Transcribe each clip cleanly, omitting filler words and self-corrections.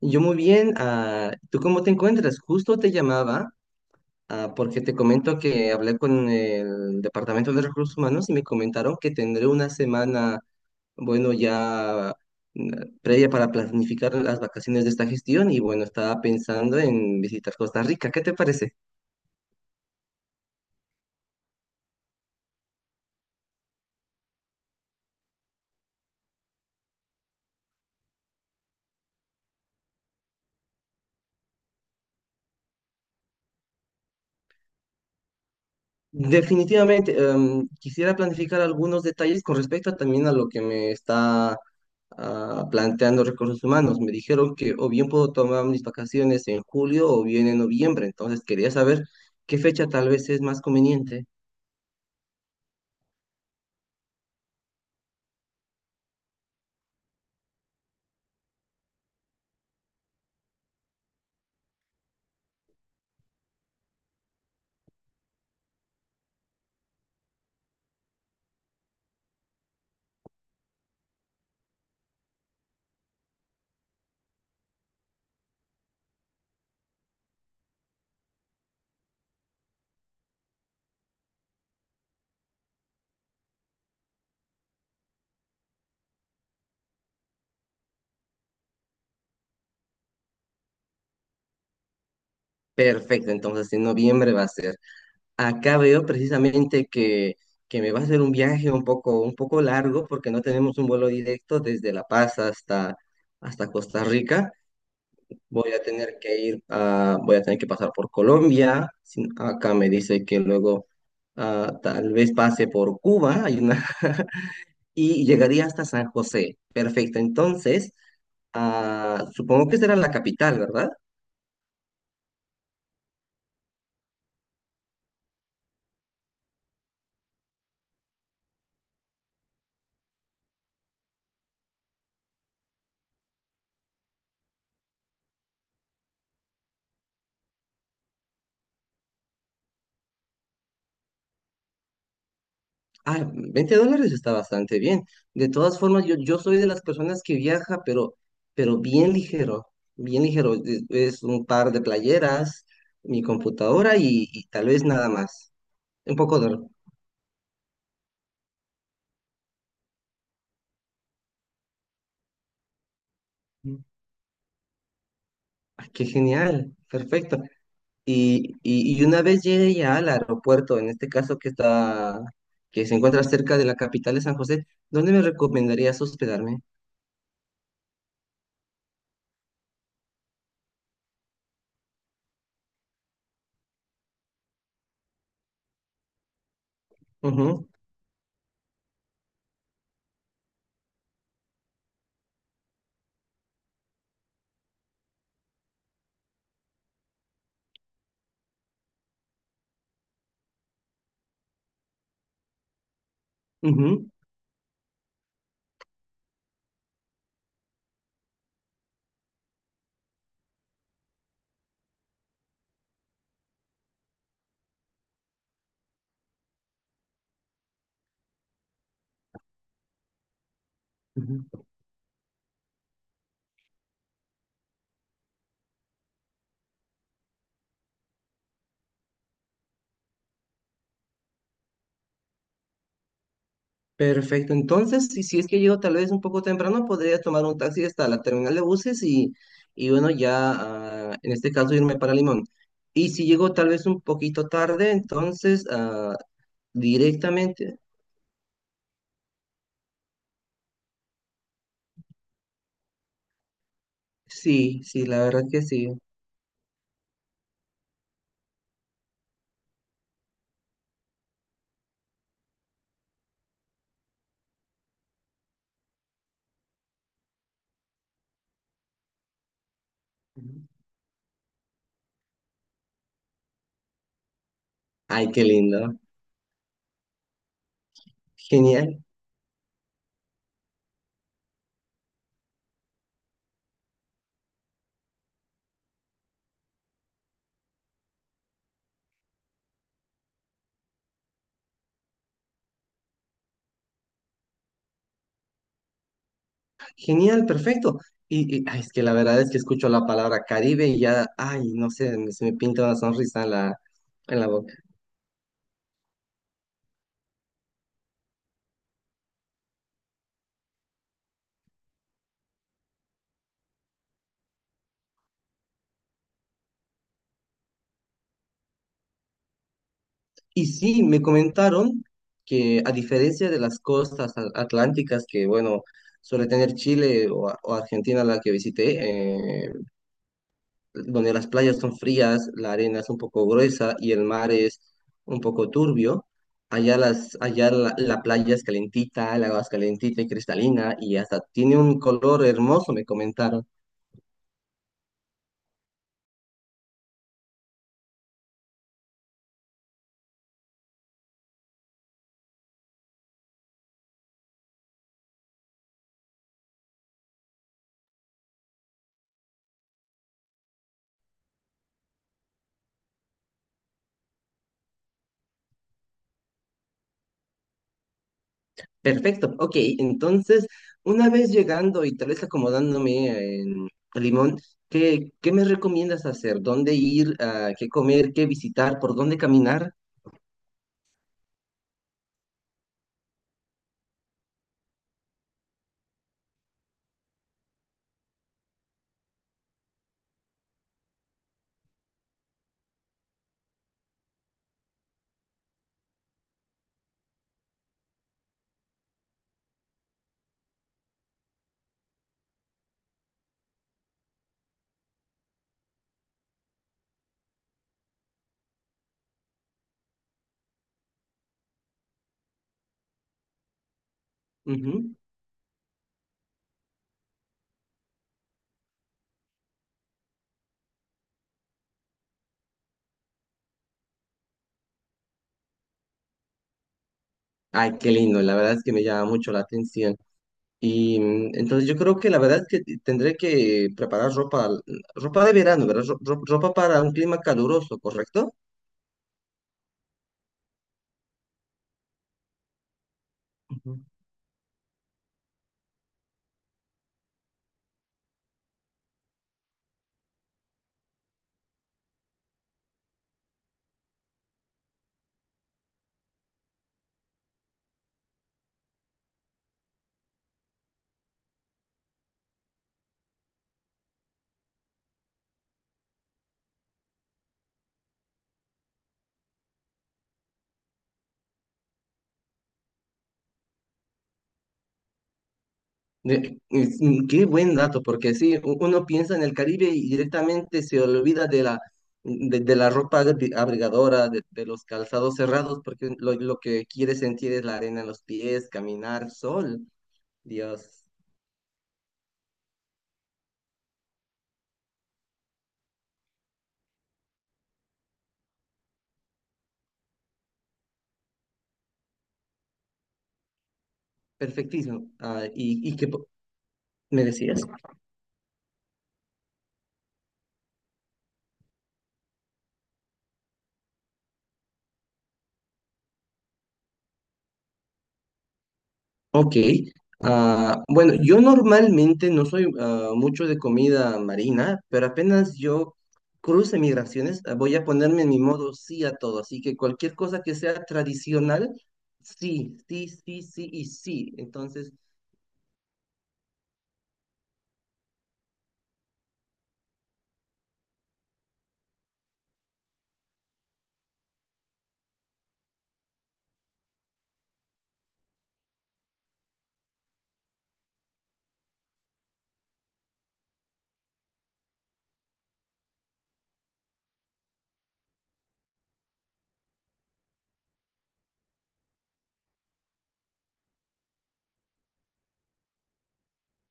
Yo muy bien, ¿tú cómo te encuentras? Justo te llamaba porque te comento que hablé con el Departamento de Recursos Humanos y me comentaron que tendré una semana, bueno, mm, previa para planificar las vacaciones de esta gestión y bueno, estaba pensando en visitar Costa Rica. ¿Qué te parece? Definitivamente, quisiera planificar algunos detalles con respecto también a lo que me está planteando Recursos Humanos. Me dijeron que o bien puedo tomar mis vacaciones en julio o bien en noviembre, entonces quería saber qué fecha tal vez es más conveniente. Perfecto, entonces en noviembre va a ser. Acá veo precisamente que me va a hacer un viaje un poco largo porque no tenemos un vuelo directo desde La Paz hasta Costa Rica. Voy a tener que voy a tener que pasar por Colombia. Acá me dice que luego tal vez pase por Cuba hay y llegaría hasta San José. Perfecto. Entonces, supongo que será la capital, ¿verdad? Ah, $20 está bastante bien. De todas formas, yo soy de las personas que viaja, pero bien ligero, bien ligero. Es un par de playeras, mi computadora y tal vez nada más. Un poco de... Ah, qué genial, perfecto. Y una vez llegue ya al aeropuerto, en este caso que que se encuentra cerca de la capital de San José, ¿dónde me recomendarías hospedarme? Ujú, ujú, ujú. Perfecto. Entonces, si es que llego tal vez un poco temprano, podría tomar un taxi hasta la terminal de buses y bueno, ya en este caso irme para Limón. Y si llego tal vez un poquito tarde, entonces directamente, sí, sí, la verdad que sí. Ujú. Ay, qué lindo. Genial, genial, perfecto. Ay, es que la verdad es que escucho la palabra Caribe y ya, ay, no sé, se me pinta una sonrisa en la boca. Y sí, me comentaron que a diferencia de las costas atlánticas que, bueno, suele tener Chile o Argentina, la que visité, donde las playas son frías, la arena es un poco gruesa y el mar es un poco turbio. Allá, allá la playa es calentita, el agua es calentita y cristalina y hasta tiene un color hermoso, me comentaron. Perfecto, ok, entonces una vez llegando y tal vez acomodándome en Limón, ¿qué me recomiendas hacer? ¿Dónde ir? Ah, ¿qué comer? ¿Qué visitar? ¿Por dónde caminar? Ujú. Ay, qué lindo, la verdad es que me llama mucho la atención. Y mm, entonces yo creo que la verdad es que tendré que preparar ropa, mm, ropa de verano, ¿verdad? Ropa para un clima caluroso, ¿correcto? Ujú. Qué buen dato, porque sí, uno piensa en el Caribe y directamente se olvida de de la ropa abrigadora, de los calzados cerrados, porque lo que quiere sentir es la arena en los pies, caminar, sol, Dios, perfectísimo. Que me decías. Ok. Bueno, yo normalmente no soy mucho de comida marina, pero apenas yo cruce migraciones, voy a ponerme en mi modo sí a todo. Así que cualquier cosa que sea tradicional, sí, sí, sí, sí y sí. Entonces,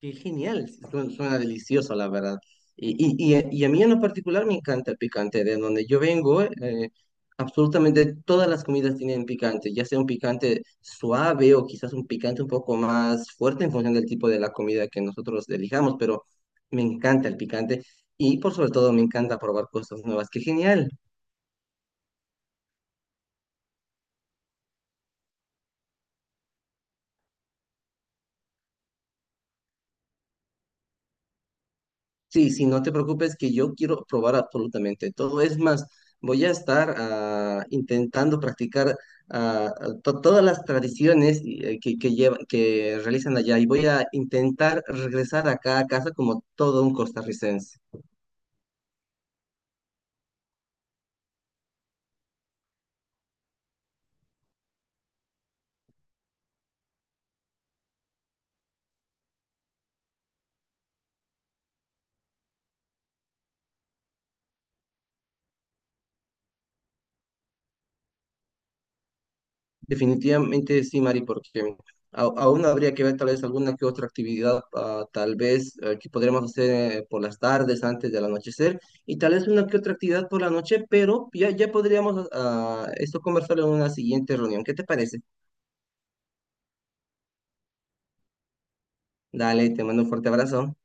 qué genial, sí, suena, suena delicioso, la verdad. A mí en lo particular me encanta el picante. De donde yo vengo, absolutamente todas las comidas tienen picante, ya sea un picante suave o quizás un picante un poco más fuerte en función del tipo de la comida que nosotroselijamos, pero me encanta el picante y por sobre todo me encanta probar cosas nuevas. Qué genial. Sí, sí, no te preocupes que yo quiero probar absolutamente todo. Es más, voy a estar intentando practicar ah, todas las tradiciones y, que realizan allá y voy a intentar regresar acá a casa como todo un costarricense. Definitivamente sí, Mari, porque aún habría que ver tal vez alguna que otra actividad, ah, tal vez que podremos hacer por las tardes antes del anochecer y tal vez una que otra actividad por la noche, pero ya, ya podríamos esto conversarlo en una siguiente reunión. ¿Qué te parece? Dale, te mando un fuerte abrazo.